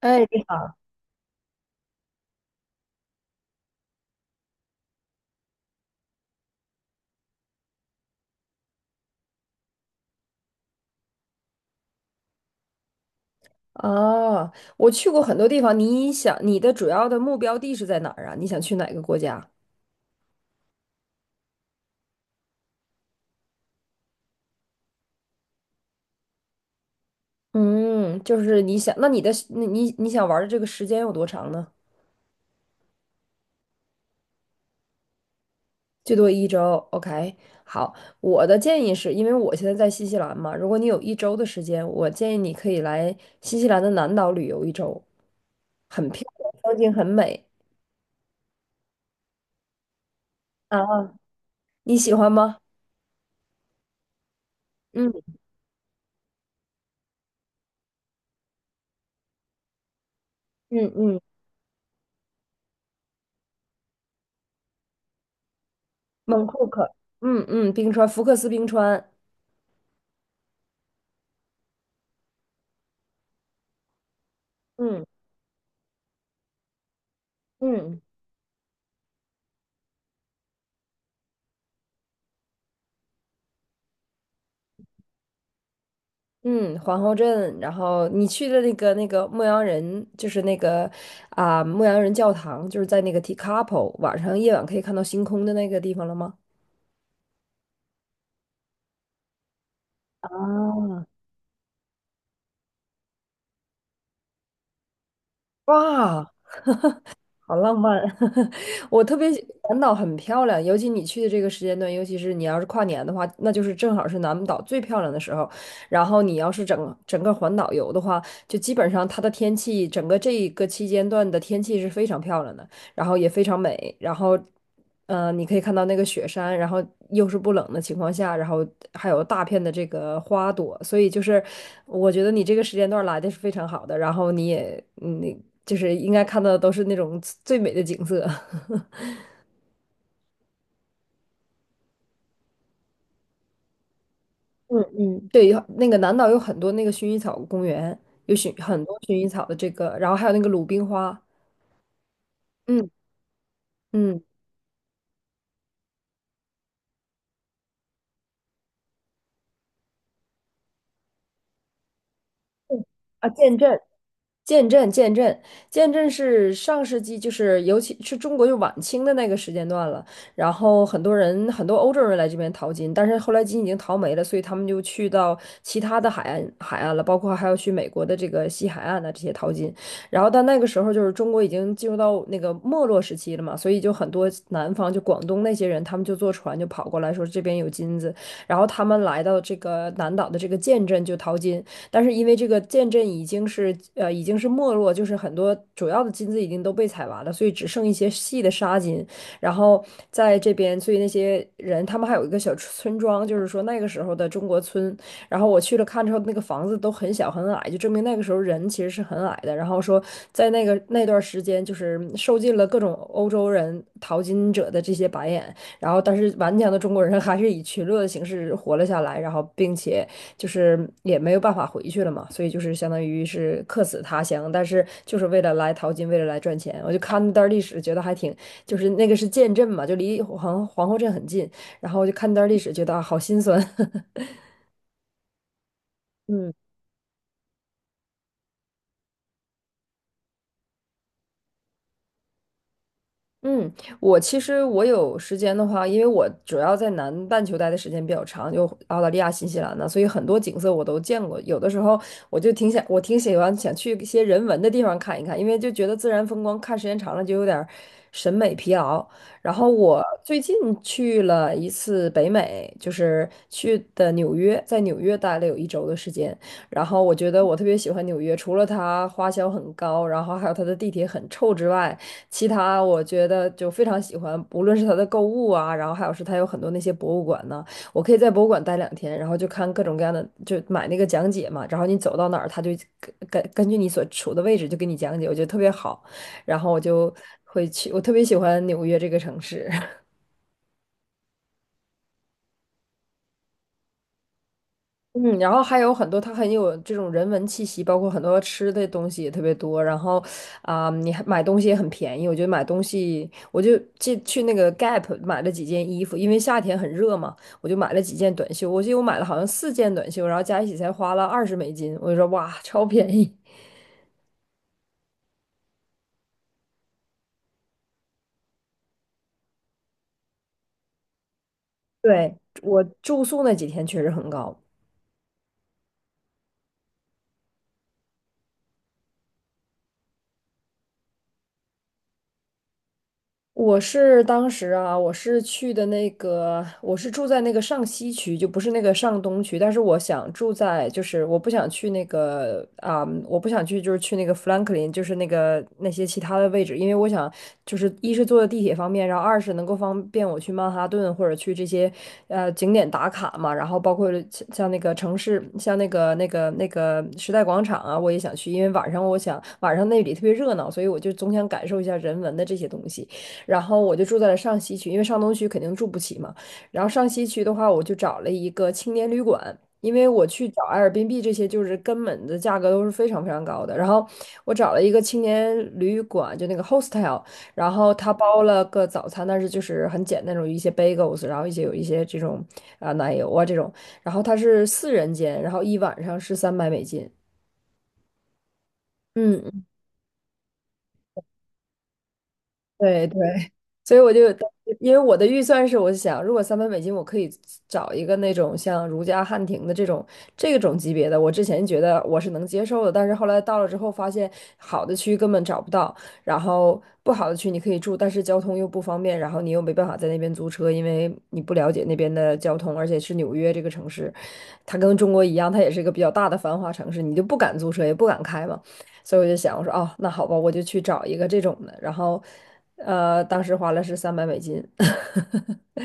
哎，你好。哦，我去过很多地方。你想，你的主要的目标地是在哪儿啊？你想去哪个国家？嗯，就是你想，那你的你想玩的这个时间有多长呢？最多一周。OK，好，我的建议是，因为我现在在新西兰嘛，如果你有一周的时间，我建议你可以来新西兰的南岛旅游一周，很漂亮，风景很美啊，你喜欢吗？嗯嗯嗯，蒙库克，嗯嗯，冰川，福克斯冰川，嗯嗯。嗯，皇后镇，然后你去的那个牧羊人，就是那个牧羊人教堂，就是在那个 Tekapo 晚上夜晚可以看到星空的那个地方了吗？啊，哇，好浪漫！我特别喜南岛很漂亮，尤其你去的这个时间段，尤其是你要是跨年的话，那就是正好是南岛最漂亮的时候。然后你要是整个环岛游的话，就基本上它的天气，整个这一个期间段的天气是非常漂亮的。然后也非常美，然后，你可以看到那个雪山，然后又是不冷的情况下，然后还有大片的这个花朵，所以就是我觉得你这个时间段来的是非常好的，然后你也你就是应该看到的都是那种最美的景色。嗯嗯，对，有那个南岛有很多那个薰衣草公园，有薰很多薰衣草的这个，然后还有那个鲁冰花，嗯，嗯。啊，见证。见证，见证，见证是上世纪，就是尤其是中国就晚清的那个时间段了。然后很多人，很多欧洲人来这边淘金，但是后来金已经淘没了，所以他们就去到其他的海岸了，包括还要去美国的这个西海岸的这些淘金。然后到那个时候就是中国已经进入到那个没落时期了嘛，所以就很多南方就广东那些人，他们就坐船就跑过来说这边有金子，然后他们来到这个南岛的这个建镇就淘金。但是因为这个建镇已经是已经是没落，就是很多主要的金子已经都被采完了，所以只剩一些细的沙金。然后在这边，所以那些人他们还有一个小村庄，就是说那个时候的中国村。然后我去了看之后，那个房子都很小很矮，就证明那个时候人其实是很矮的。然后说在那个那段时间，就是受尽了各种欧洲人淘金者的这些白眼，然后但是顽强的中国人还是以群落的形式活了下来，然后并且就是也没有办法回去了嘛，所以就是相当于是客死他乡，但是就是为了来淘金，为了来赚钱。我就看那段历史，觉得还挺，就是那个是建镇嘛，就离皇后镇很近，然后就看那段历史，觉得啊好心酸。嗯嗯，我其实我有时间的话，因为我主要在南半球待的时间比较长，就澳大利亚、新西兰呢，所以很多景色我都见过。有的时候我就挺想，我挺喜欢想去一些人文的地方看一看，因为就觉得自然风光看时间长了就有点儿审美疲劳。然后我最近去了一次北美，就是去的纽约，在纽约待了有一周的时间。然后我觉得我特别喜欢纽约，除了它花销很高，然后还有它的地铁很臭之外。其他我觉得就非常喜欢，无论是它的购物啊，然后还有是它有很多那些博物馆呢，我可以在博物馆待2天，然后就看各种各样的，就买那个讲解嘛，然后你走到哪儿，它就根据你所处的位置就给你讲解，我觉得特别好，然后我就会去，我特别喜欢纽约这个城市。嗯，然后还有很多，它很有这种人文气息，包括很多吃的东西也特别多。然后，你还买东西也很便宜。我觉得买东西，我就去那个 Gap 买了几件衣服，因为夏天很热嘛，我就买了几件短袖。我记得我买了好像四件短袖，然后加一起才花了20美金。我就说哇，超便宜。对，我住宿那几天确实很高。我是当时啊，我是去的那个，我是住在那个上西区，就不是那个上东区。但是我想住在，就是我不想去那个我不想去，就是去那个富兰克林，就是那个那些其他的位置，因为我想，就是一是坐地铁方便，然后二是能够方便我去曼哈顿或者去这些呃景点打卡嘛。然后包括像那个城市，像那个时代广场啊，我也想去，因为晚上我想晚上那里特别热闹，所以我就总想感受一下人文的这些东西。然后我就住在了上西区，因为上东区肯定住不起嘛。然后上西区的话，我就找了一个青年旅馆，因为我去找 a 尔 r 币这些，就是根本的价格都是非常非常高的。然后我找了一个青年旅馆，就那个 hostel，然后他包了个早餐，但是就是很简单那种一些 bagels，然后一些有一些这种奶油啊这种，然后它是四人间，然后一晚上是三百美金。嗯嗯对 对，所以我就当时 因为我的预算是，我想如果三百美金，我可以找一个那种像如家、汉庭的这种这种级别的，我之前觉得我是能接受的，但是后来到了之后发现，好的区根本找不到，然后不好的区你可以住，但是交通又不方便，然后你又没办法在那边租车，因为你不了解那边的交通，而且是纽约这个城市，它跟中国一样，它也是一个比较大的繁华城市，你就不敢租车，也不敢开嘛。所以我就想，我说哦，那好吧，我就去找一个这种的。然后，呃，当时花了是三百美金，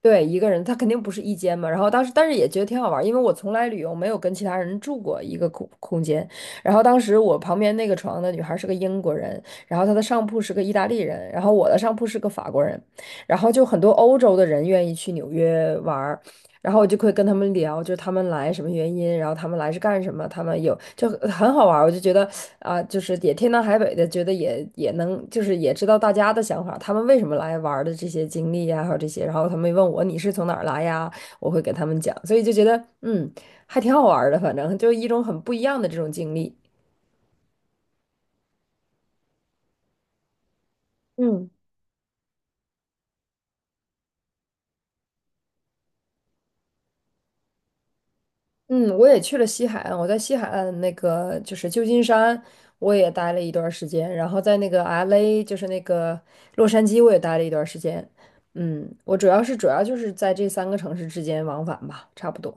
对，一个人，他肯定不是一间嘛。然后当时，但是也觉得挺好玩儿因为我从来旅游没有跟其他人住过一个空间。然后当时我旁边那个床的女孩是个英国人，然后她的上铺是个意大利人，然后我的上铺是个法国人，然后就很多欧洲的人愿意去纽约玩。然后我就会跟他们聊，就是他们来什么原因，然后他们来是干什么，他们有就很好玩儿我就觉得啊、就是也天南海北的，觉得也能，就是也知道大家的想法，他们为什么来玩儿的这些经历呀，还有这些，然后他们问我你是从哪儿来呀，我会给他们讲，所以就觉得,还挺好玩儿的，反正就一种很不一样的这种经历。嗯。嗯，我也去了西海岸，我在西海岸那个就是旧金山，我也待了一段儿时间，然后在那个 LA，就是那个洛杉矶，我也待了一段儿时间。嗯，我主要就是在这三个城市之间往返吧，差不多。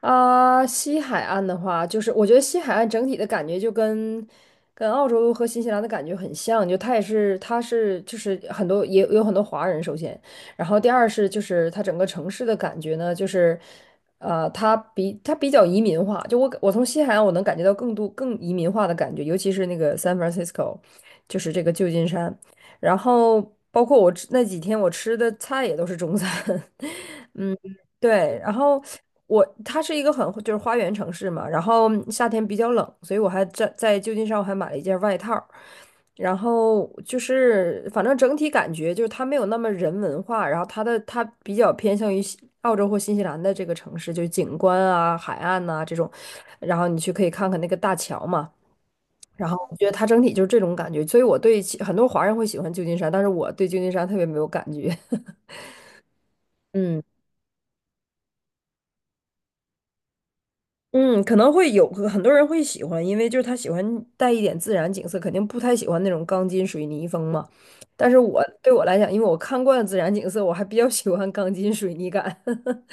啊，西海岸的话，就是我觉得西海岸整体的感觉就跟澳洲和新西兰的感觉很像，就它也是，它是就是很多也有很多华人，首先，然后第二是就是它整个城市的感觉呢，就是它比较移民化，就我从西海岸我能感觉到更移民化的感觉，尤其是那个 San Francisco，就是这个旧金山，然后包括那几天我吃的菜也都是中餐，嗯。对，然后它是一个就是花园城市嘛，然后夏天比较冷，所以在旧金山我还买了一件外套儿，然后就是反正整体感觉就是它没有那么人文化，然后它比较偏向于西澳洲或新西兰的这个城市，就是景观啊、海岸呐、这种，然后你去可以看看那个大桥嘛。然后我觉得它整体就是这种感觉，所以其很多华人会喜欢旧金山，但是我对旧金山特别没有感觉。嗯。嗯，可能会有很多人会喜欢，因为就是他喜欢带一点自然景色，肯定不太喜欢那种钢筋水泥风嘛。但是我来讲，因为我看惯了自然景色，我还比较喜欢钢筋水泥感。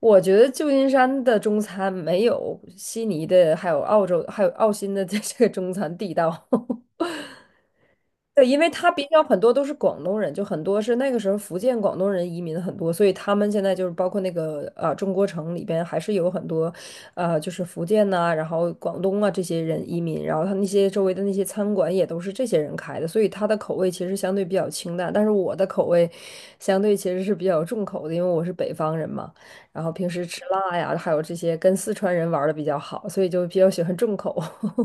我觉得旧金山的中餐没有悉尼的，还有澳洲，还有澳新的这个中餐地道。对，因为他很多都是广东人，就很多是那个时候福建广东人移民很多，所以他们现在就是包括那个中国城里边还是有很多，就是福建呐、然后广东啊这些人移民，然后他那些周围的那些餐馆也都是这些人开的，所以他的口味其实相对比较清淡，但是我的口味相对其实是比较重口的，因为我是北方人嘛，然后平时吃辣呀，还有这些跟四川人玩的比较好，所以就比较喜欢重口。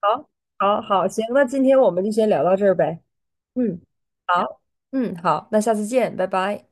好，好，好，行，那今天我们就先聊到这儿呗。嗯，好，嗯，好，那下次见，拜拜。